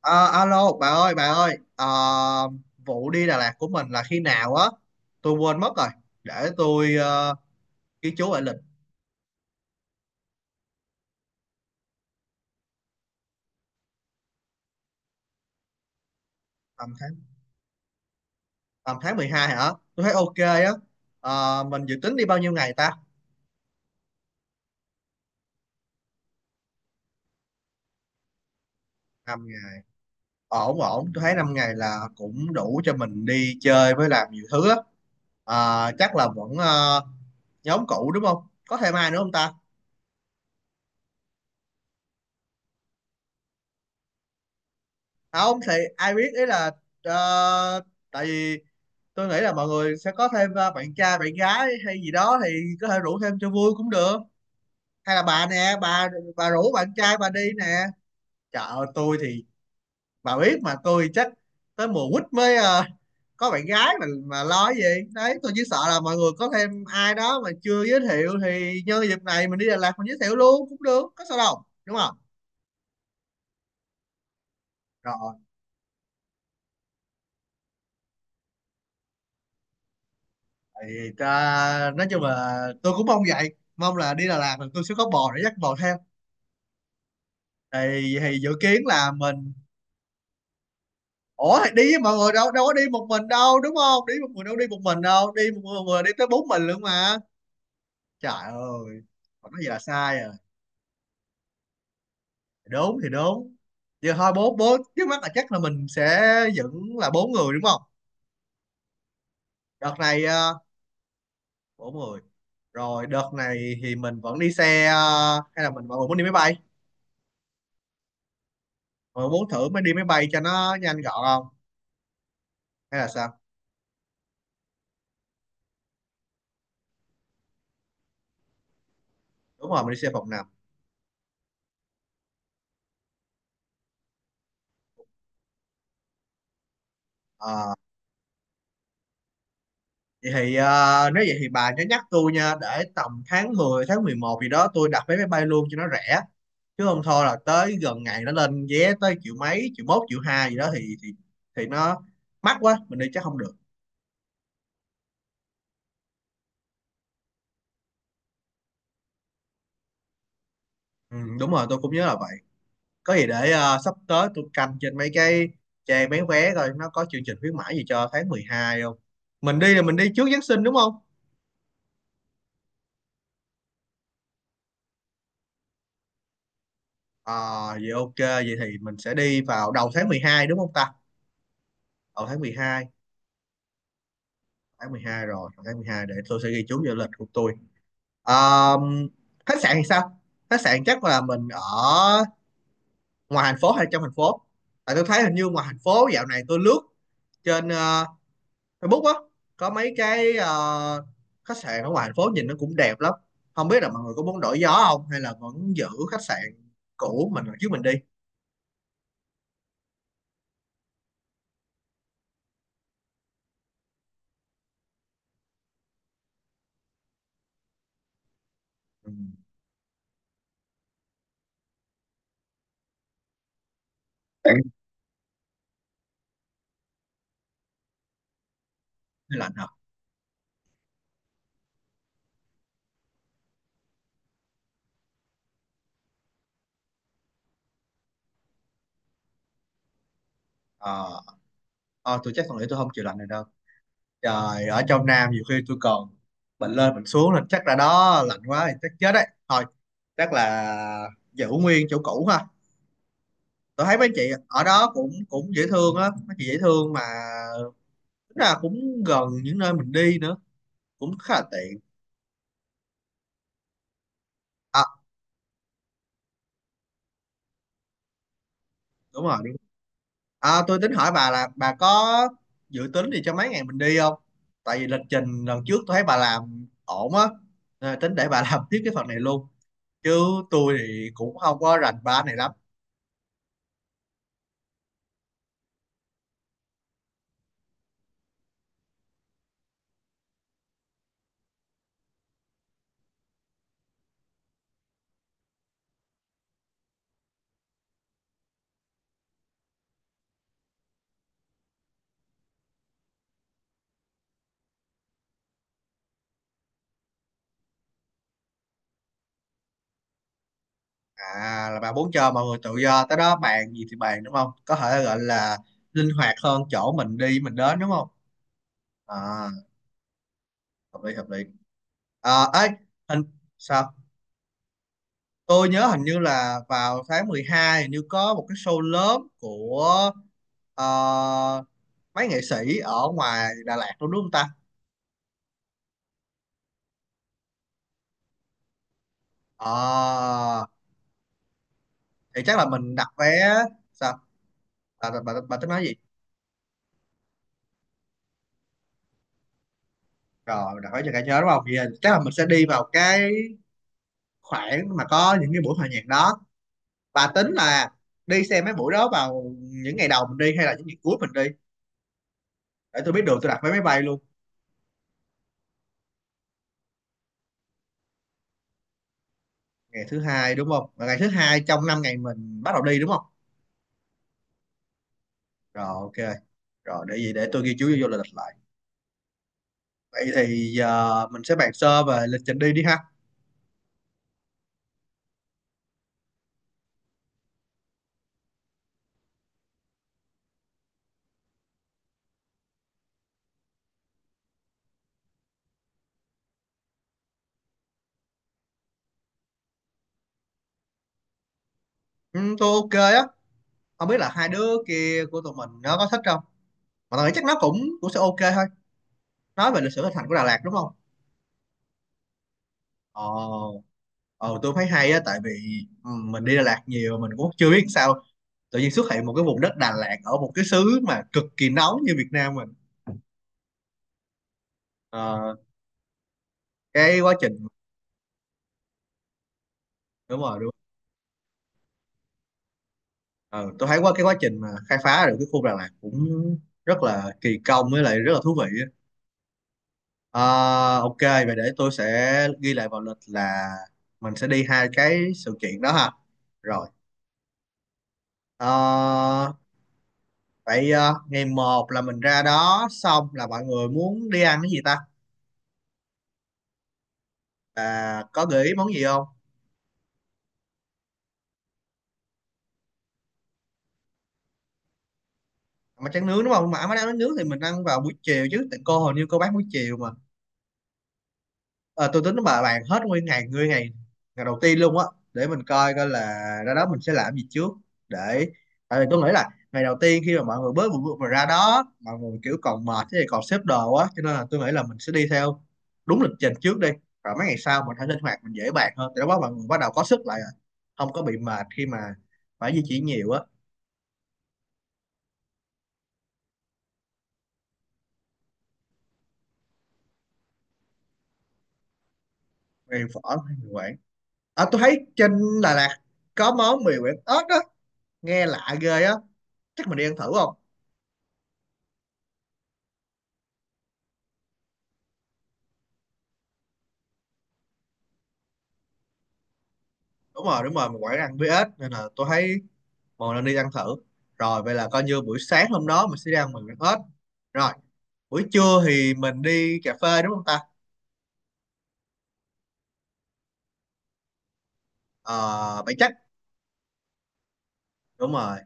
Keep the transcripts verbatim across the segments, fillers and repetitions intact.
Ờ, Alo bà ơi bà ơi. Ờ, Vụ đi Đà Lạt của mình là khi nào á? Tôi quên mất rồi. Để tôi ờ, ghi chú lại lịch. Tầm tháng tầm tháng mười hai hả? Tôi thấy ok á. Ờ, mình dự tính đi bao nhiêu ngày ta? Năm ngày. Ổn ổn, tôi thấy năm ngày là cũng đủ cho mình đi chơi với làm nhiều thứ á. Ờ, chắc là vẫn ờ, nhóm cũ đúng không, có thêm ai nữa không ta? À, không thì ai biết, ý là ờ, tại vì tôi nghĩ là mọi người sẽ có thêm ờ, bạn trai bạn gái hay gì đó thì có thể rủ thêm cho vui cũng được. Hay là bà nè bà bà rủ bạn trai bà đi nè. Trời ơi, tôi thì bà biết mà, tôi chắc tới mùa quýt mới ờ, có bạn gái, mà mà lo cái gì. Đấy, tôi chỉ sợ là mọi người có thêm ai đó mà chưa giới thiệu thì nhân dịp này mình đi Đà Lạt mình giới thiệu luôn cũng được, có sao đâu đúng không. Rồi thì ta, nói chung là tôi cũng mong vậy, mong là đi Đà Lạt là tôi sẽ có bò để dắt bò theo. Thì thì dự kiến là mình, ủa đi với mọi người đâu đâu có đi một mình đâu đúng không, đi một người đâu, đi một mình đâu, đi một người, người đi tới bốn mình luôn mà. Trời ơi, còn nói gì là sai à, đúng thì đúng. Giờ thôi, bốn bốn trước mắt là chắc là mình sẽ vẫn là bốn người đúng không. Đợt này ờ, bốn người. Rồi đợt này thì mình vẫn đi xe ờ, hay là mình, mọi người muốn đi máy bay, mọi người muốn thử mới, đi máy bay cho nó nhanh gọn không hay là sao? Đúng rồi, mình đi xe phòng nằm. Ờ. Vậy thì ờ, nếu vậy thì bà nhớ nhắc tôi nha, để tầm tháng mười tháng mười một gì đó tôi đặt vé máy bay luôn cho nó rẻ, chứ không thôi là tới gần ngày nó lên vé tới triệu mấy, triệu mốt triệu hai gì đó thì thì thì nó mắc quá, mình đi chắc không được. Ừ, đúng rồi, tôi cũng nhớ là vậy. Có gì để ờ, sắp tới tôi canh trên mấy cái trang bán vé, coi nó có chương trình khuyến mãi gì cho tháng mười hai không. Mình đi là mình đi trước Giáng sinh đúng không. Ờ vậy ok, vậy thì mình sẽ đi vào đầu tháng mười hai đúng không ta? Đầu tháng mười hai, tháng mười hai. Rồi tháng mười hai để tôi sẽ ghi chú vào lịch của tôi. um, Khách sạn thì sao? Khách sạn chắc là mình ở ngoài thành phố hay trong thành phố? Tại tôi thấy hình như ngoài thành phố, dạo này tôi lướt trên ờ, Facebook á, có mấy cái ờ, khách sạn ở ngoài thành phố nhìn nó cũng đẹp lắm. Không biết là mọi người có muốn đổi gió không, hay là vẫn giữ khách sạn cũ mình trước mình đi. Ừ. Lạnh hả? ờ Ờ, tôi chắc tôi nghĩ tôi không chịu lạnh này đâu. Trời, ở trong Nam nhiều khi tôi còn bệnh lên bệnh xuống, là chắc là đó lạnh quá thì chắc chết đấy. Thôi, chắc là giữ nguyên chỗ cũ ha. Tôi thấy mấy anh chị ở đó cũng cũng dễ thương á, mấy chị dễ thương mà. Tính là cũng gần những nơi mình đi nữa, cũng khá là tiện. À, đúng rồi, đúng. À, tôi tính hỏi bà là bà có dự tính gì cho mấy ngày mình đi không? Tại vì lịch trình lần trước tôi thấy bà làm ổn á, nên là tính để bà làm tiếp cái phần này luôn. Chứ tôi thì cũng không có rành ba này lắm. À, là bạn muốn cho mọi người tự do, tới đó bàn gì thì bàn đúng không? Có thể gọi là linh hoạt hơn chỗ mình đi mình đến đúng không? À, hợp lý hợp lý. À, ấy, hình, sao? Tôi nhớ hình như là vào tháng mười hai hình như có một cái show lớn của ờ, mấy nghệ sĩ ở ngoài Đà Lạt luôn đúng không ta? Ờ thì chắc là mình đặt vé, sao? Bà, bà, bà, bà tính nói gì? Rồi, đặt vé cho cả nhớ đúng không? Vậy là chắc là mình sẽ đi vào cái khoảng mà có những cái buổi hòa nhạc đó và tính là đi xem mấy buổi đó vào những ngày đầu mình đi hay là những ngày cuối mình đi, để tôi biết đường tôi đặt vé máy bay luôn. Ngày thứ hai đúng không, và ngày thứ hai trong năm ngày mình bắt đầu đi đúng không. Rồi ok, rồi để gì, để tôi ghi chú vô, vô lịch lại. Vậy thì giờ mình sẽ bàn sơ về lịch trình đi đi ha. Ừ, tôi ok á. Không biết là hai đứa kia của tụi mình nó có thích không, mà tôi nghĩ chắc nó cũng cũng sẽ ok thôi. Nói về lịch sử hình thành của Đà Lạt đúng không. Ồ, ờ, tôi thấy hay á, tại vì ừ, mình đi Đà Lạt nhiều, mình cũng chưa biết sao tự nhiên xuất hiện một cái vùng đất Đà Lạt ở một cái xứ mà cực kỳ nóng như Việt Nam mình. Ờ, cái quá trình, đúng rồi đúng rồi. Ờ, tôi thấy qua cái quá trình mà khai phá được cái khu Đà Lạt cũng rất là kỳ công với lại rất là thú vị á. Ờ, ok vậy để tôi sẽ ghi lại vào lịch là mình sẽ đi hai cái sự kiện đó ha. Rồi ờ, vậy ờ, ngày một là mình ra đó xong là mọi người muốn đi ăn cái gì ta? À, có gợi ý món gì không? Mà tráng nướng đúng không, mà má đang nói nướng thì mình ăn vào buổi chiều chứ, tại cô hình như cô bán buổi chiều mà. Ờ, tôi tính bà bàn hết nguyên ngày, nguyên ngày ngày đầu tiên luôn á, để mình coi coi là ra đó mình sẽ làm gì trước, để, tại vì tôi nghĩ là ngày đầu tiên khi mà mọi người bớt bụi bụi mà ra đó mọi người kiểu còn mệt thì còn xếp đồ á, cho nên là tôi nghĩ là mình sẽ đi theo đúng lịch trình trước đi, rồi mấy ngày sau mình hãy linh hoạt, mình dễ bàn hơn, thì lúc đó mọi người bắt đầu có sức lại rồi, không có bị mệt khi mà phải di chuyển nhiều á. Gây phở hay người quản. À, tôi thấy trên Đà Lạt có món mì Quảng ếch á, nghe lạ ghê á. Chắc mình đi ăn thử không? Đúng rồi, đúng rồi, mình Quảng ăn với ếch nên là tôi thấy một lần đi ăn thử. Rồi vậy là coi như buổi sáng hôm đó mình sẽ đi ăn mì Quảng ếch. Rồi, buổi trưa thì mình đi cà phê đúng không ta? Ờ, Vậy chắc đúng rồi.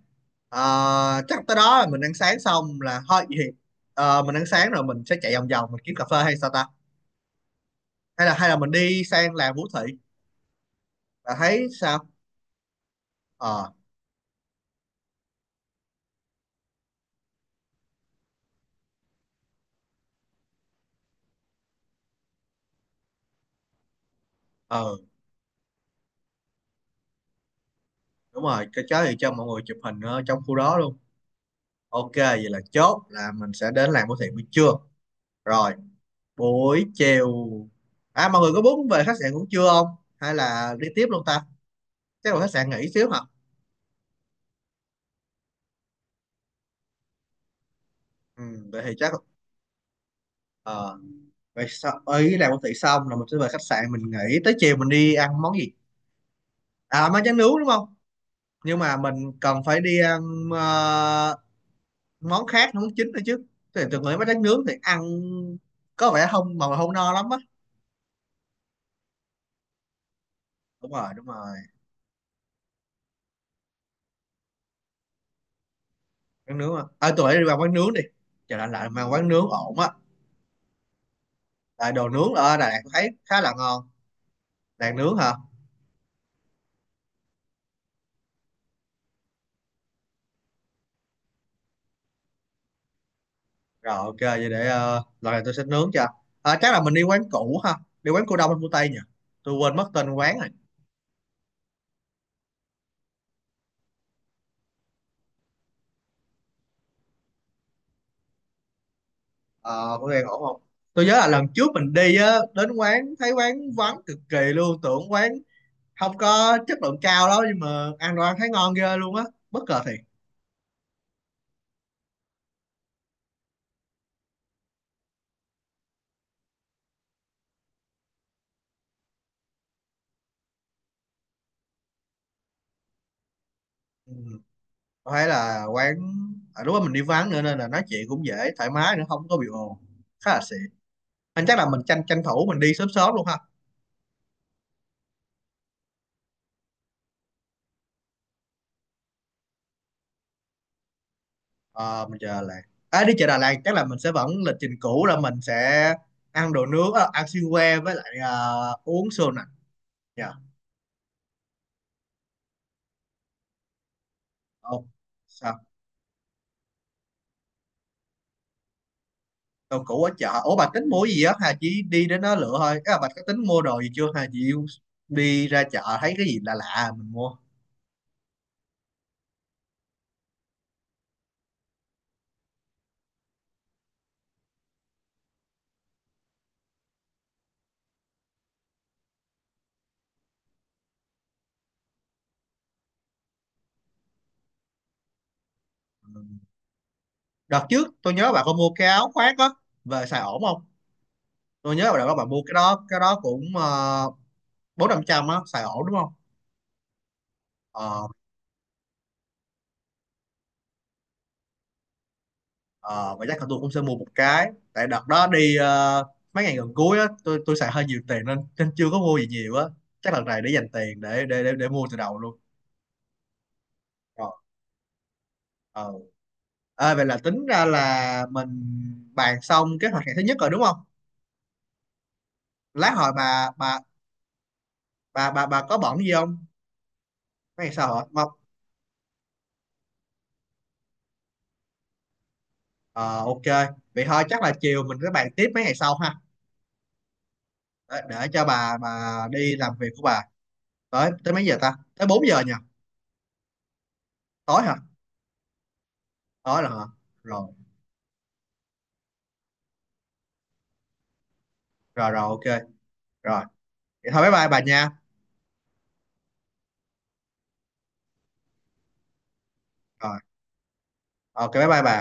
Ờ, chắc tới đó là mình ăn sáng xong là thôi, vậy thì ờ, mình ăn sáng rồi mình sẽ chạy vòng vòng, mình kiếm cà phê hay sao ta? Hay là hay là mình đi sang làng Vũ Thị? Bà thấy sao? Ờ, ờ. Đúng rồi, cái chó thì cho mọi người chụp hình ở trong khu đó luôn. Ok vậy là chốt là mình sẽ đến làm của thiện buổi trưa. Rồi buổi chiều, à mọi người có muốn về khách sạn cũng chưa không, hay là đi tiếp luôn ta? Chắc là khách sạn nghỉ xíu hả. Ừ, vậy thì chắc ờ vậy sau ấy làm của thiện xong là mình sẽ về khách sạn, mình nghỉ tới chiều mình đi ăn món gì. À, món tráng nướng đúng không, nhưng mà mình cần phải đi ăn ờ, món khác, món chính nữa chứ. Thì từng nghĩ món tráng nướng thì ăn có vẻ không, mà không no lắm á. Đúng rồi đúng rồi. Quán nướng, à, à tụi bay đi vào quán nướng đi, chờ lạnh lạnh mà quán nướng ổn á, tại đồ nướng ở Đà Lạt tôi thấy khá là ngon. Đàn nướng hả? Rồi ok vậy để uh, lần này tôi sẽ nướng cho. À, chắc là mình đi quán cũ ha, đi quán cô Đông hay cô Tây nhỉ, tôi quên mất tên quán rồi. ờ có nghe ổn không? Tôi nhớ là lần trước mình đi á, đến quán thấy quán vắng cực kỳ luôn, tưởng quán không có chất lượng cao đó, nhưng mà ăn đồ ăn thấy ngon ghê luôn á, bất ngờ thiệt. Ừ. Tôi thấy là quán, à, đúng là mình đi vắng nữa nên là nói chuyện cũng dễ thoải mái nữa, không có bị ồn, khá là xịn. Anh chắc là mình tranh tranh thủ mình đi sớm sớm luôn ha. Ờ, mình chờ Đà Lạt. À, đi chợ Đà Lạt chắc là mình sẽ vẫn lịch trình cũ là mình sẽ ăn đồ nướng, à, ăn xiên que với lại à, uống sô nặng. Dạ. Ồ, sao? Đồ cũ ở chợ ủa, bà tính mua gì á, hà chỉ đi đến đó lựa thôi à, bà có tính mua đồ gì chưa hà chị. Đi ra chợ thấy cái gì lạ lạ mình mua. Đợt trước tôi nhớ bà có mua cái áo khoác á, về xài ổn không, tôi nhớ bạn có bạn mua cái đó, cái đó cũng ờ, bốn năm trăm á, xài ổn đúng không. ờ ờ và chắc là tôi cũng sẽ mua một cái, tại đợt đó đi ờ, mấy ngày gần cuối á, tôi tôi xài hơi nhiều tiền nên nên chưa có mua gì nhiều á, chắc lần này để dành tiền để để để, để mua từ đầu luôn. Rồi, ờ. Ê, vậy là tính ra là mình bàn xong kế hoạch ngày thứ nhất rồi đúng không, lát hồi bà bà bà bà bà có bận gì không? Mấy ngày sau hả? Mong ờ ok. Vậy thôi chắc là chiều mình sẽ bàn tiếp mấy ngày sau ha, để, để cho bà bà đi làm việc của bà. Tới tới mấy giờ ta, tới bốn giờ nhỉ? Tối hả? Tối là hả? Rồi rồi rồi ok. Rồi vậy thôi, bye bye bà nha. Rồi ok, bye bye bà.